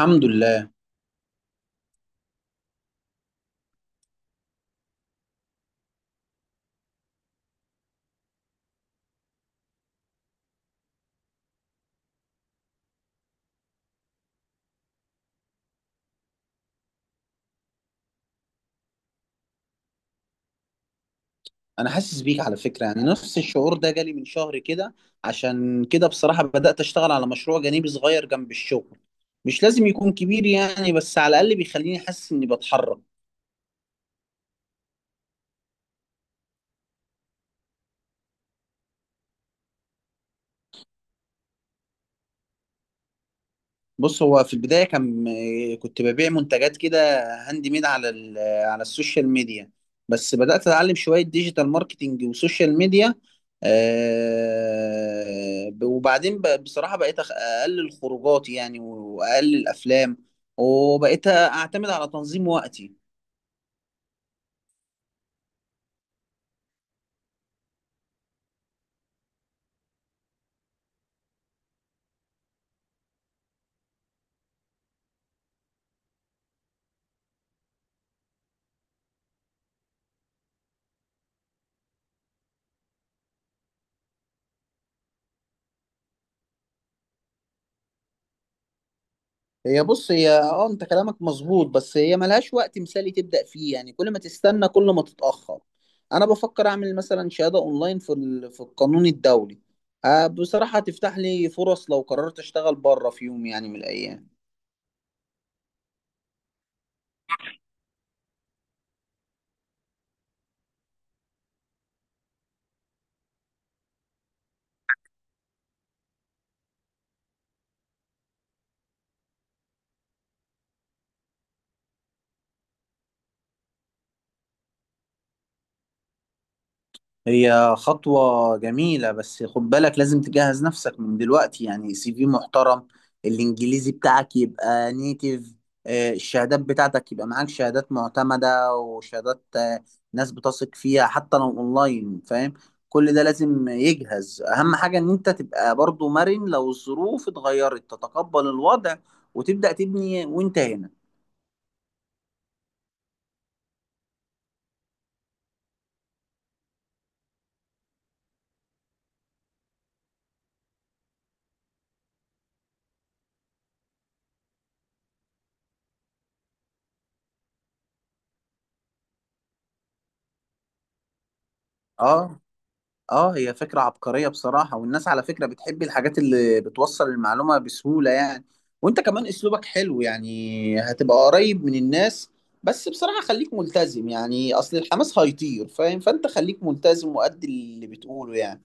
الحمد لله. انا حاسس بيك على فكره، يعني نفس الشعور ده جالي من شهر كده. عشان كده بصراحه بدات اشتغل على مشروع جانبي صغير جنب الشغل. مش لازم يكون كبير يعني، بس على الاقل بيخليني حاسس اني بتحرك. بص، هو في البداية كنت ببيع منتجات كده هاند ميد على السوشيال ميديا. بس بدأت أتعلم شوية ديجيتال ماركتينج وسوشيال ميديا. وبعدين بصراحة بقيت أقلل خروجاتي يعني، وأقلل أفلام، وبقيت أعتمد على تنظيم وقتي. هي بص هي اه انت كلامك مظبوط، بس هي ملهاش وقت مثالي تبدأ فيه، يعني كل ما تستنى كل ما تتأخر. انا بفكر اعمل مثلا شهادة اونلاين في القانون الدولي. بصراحة هتفتح لي فرص لو قررت اشتغل بره في يوم يعني من الايام. هي خطوة جميلة، بس خد بالك لازم تجهز نفسك من دلوقتي، يعني سي في محترم، الإنجليزي بتاعك يبقى نيتيف، الشهادات بتاعتك يبقى معاك شهادات معتمدة وشهادات ناس بتثق فيها حتى لو أونلاين، فاهم. كل ده لازم يجهز. أهم حاجة إن أنت تبقى برضو مرن، لو الظروف اتغيرت تتقبل الوضع وتبدأ تبني وأنت هنا. اه، اه، هي فكرة عبقرية بصراحة، والناس على فكرة بتحب الحاجات اللي بتوصل المعلومة بسهولة يعني. وانت كمان اسلوبك حلو، يعني هتبقى قريب من الناس. بس بصراحة خليك ملتزم، يعني اصل الحماس هيطير، فاهم؟ فانت خليك ملتزم وأدي اللي بتقوله يعني.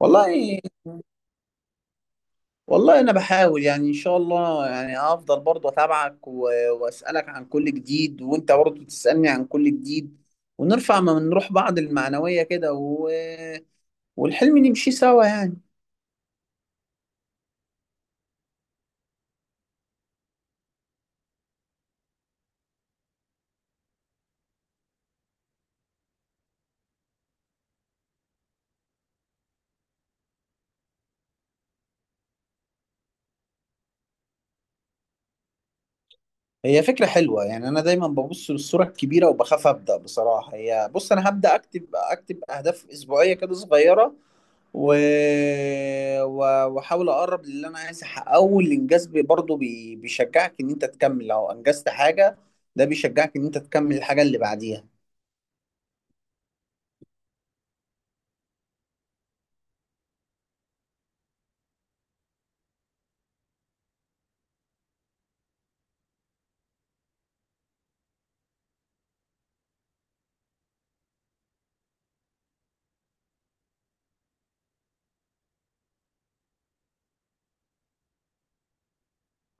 والله، والله انا بحاول يعني، ان شاء الله يعني، هفضل برضه اتابعك واسالك عن كل جديد، وانت برضه تسالني عن كل جديد، ونرفع من روح بعض المعنوية كده والحلم نمشي سوا يعني. هي فكرة حلوة يعني، أنا دايما ببص للصورة الكبيرة وبخاف أبدأ بصراحة. هي بص، أنا هبدأ أكتب أهداف أسبوعية كده صغيرة، و... وأحاول أقرب للي أنا عايز أحققه، والإنجاز برضه بيشجعك إن أنت تكمل لو أنجزت حاجة. ده بيشجعك إن أنت تكمل الحاجة اللي بعديها.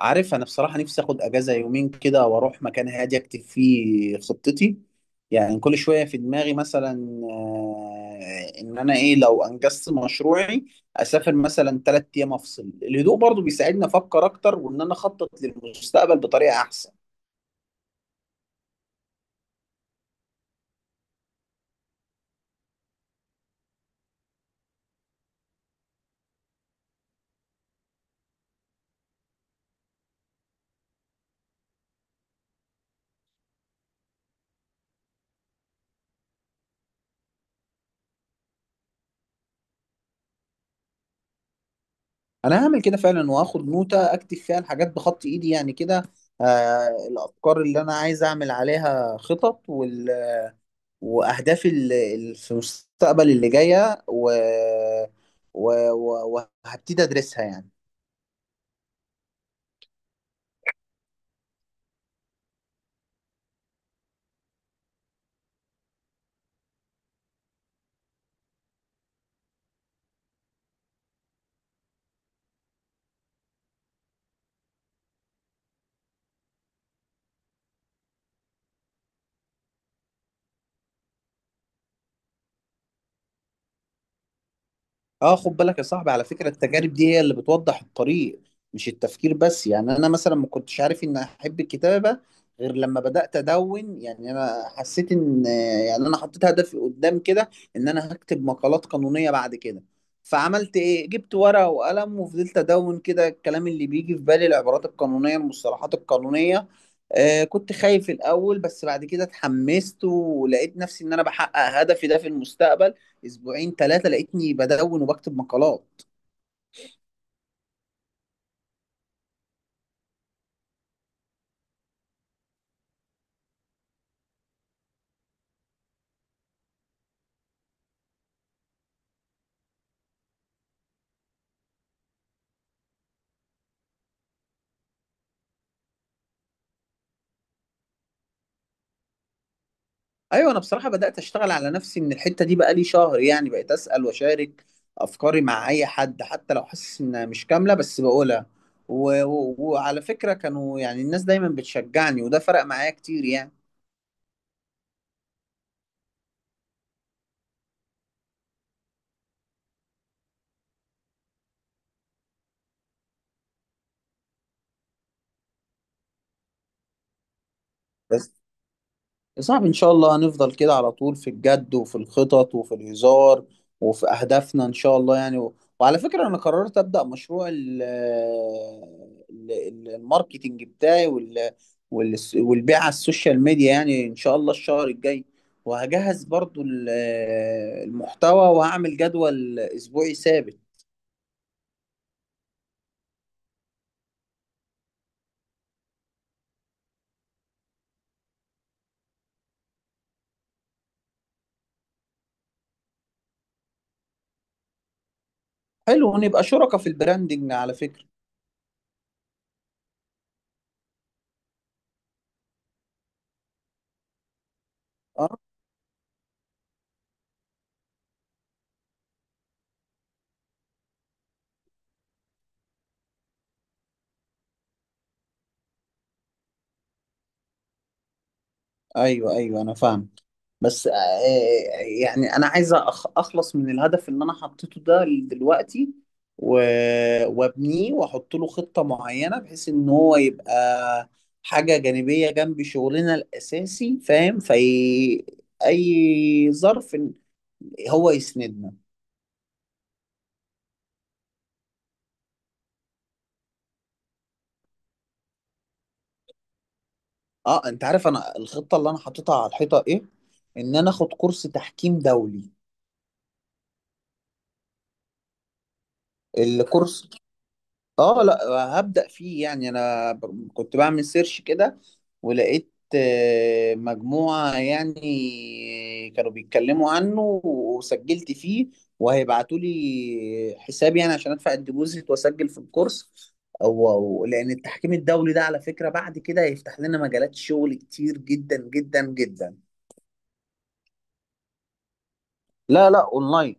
عارف، انا بصراحه نفسي اخد اجازه يومين كده، واروح مكان هادي اكتب فيه خطتي. يعني كل شويه في دماغي مثلا، ان انا ايه لو انجزت مشروعي. اسافر مثلا 3 ايام افصل. الهدوء برضو بيساعدني افكر اكتر، وان انا اخطط للمستقبل بطريقه احسن. انا هعمل كده فعلا، واخد نوتة اكتب فيها الحاجات بخط ايدي يعني كده. الافكار اللي انا عايز اعمل عليها خطط، واهدافي في المستقبل اللي جايه، وهبتدي ادرسها يعني. اه، خد بالك يا صاحبي، على فكرة التجارب دي هي اللي بتوضح الطريق، مش التفكير بس يعني. انا مثلا ما كنتش عارف ان احب الكتابة غير لما بدأت ادون. يعني انا حسيت ان، يعني انا حطيت هدفي قدام كده ان انا هكتب مقالات قانونية بعد كده. فعملت ايه، جبت ورقة وقلم وفضلت ادون كده الكلام اللي بيجي في بالي، العبارات القانونية، المصطلحات القانونية. كنت خايف الاول، بس بعد كده اتحمست ولقيت نفسي ان انا بحقق هدفي ده في المستقبل. اسبوعين ثلاثه لقيتني بدون وبكتب مقالات. ايوه، انا بصراحه بدات اشتغل على نفسي من الحته دي بقالي شهر يعني، بقيت اسال واشارك افكاري مع اي حد حتى لو حاسس انها مش كامله، بس بقولها. وعلى فكره كانوا يعني الناس دايما بتشجعني، وده فرق معايا كتير يعني. بس يا صاحبي إن شاء الله هنفضل كده على طول في الجد وفي الخطط وفي الهزار وفي أهدافنا إن شاء الله يعني. وعلى فكرة، أنا قررت أبدأ مشروع الماركتينج بتاعي، والبيع على السوشيال ميديا يعني إن شاء الله الشهر الجاي. وهجهز برضو المحتوى، وهعمل جدول أسبوعي ثابت. حلو، ونبقى شركاء في البراندنج على فكرة. أه، أيوه، أيوه، أنا فاهم. بس يعني انا عايز اخلص من الهدف اللي انا حطيته ده دلوقتي، وابنيه واحط له خطة معينة، بحيث ان هو يبقى حاجة جانبية جنب شغلنا الاساسي، فاهم، في اي ظرف إن هو يسندنا. اه، انت عارف انا الخطة اللي انا حاططها على الحيطة ايه؟ ان انا اخد كورس تحكيم دولي. الكورس، اه، لا، هبدأ فيه يعني. انا كنت بعمل سيرش كده، ولقيت مجموعة يعني كانوا بيتكلموا عنه، وسجلت فيه، وهيبعتوا لي حساب يعني عشان ادفع الديبوزيت واسجل في الكورس. او لان التحكيم الدولي ده على فكرة بعد كده هيفتح لنا مجالات شغل كتير جدا جدا جدا. لا، لا، اونلاين.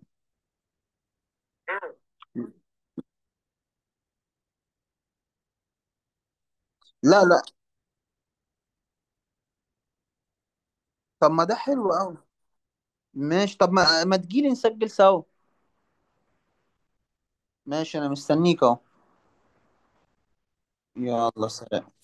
لا، لا. طب ما ده حلو قوي. ماشي، طب ما تجيلي نسجل سوا. ماشي، انا مستنيك اهو. يلا سلام.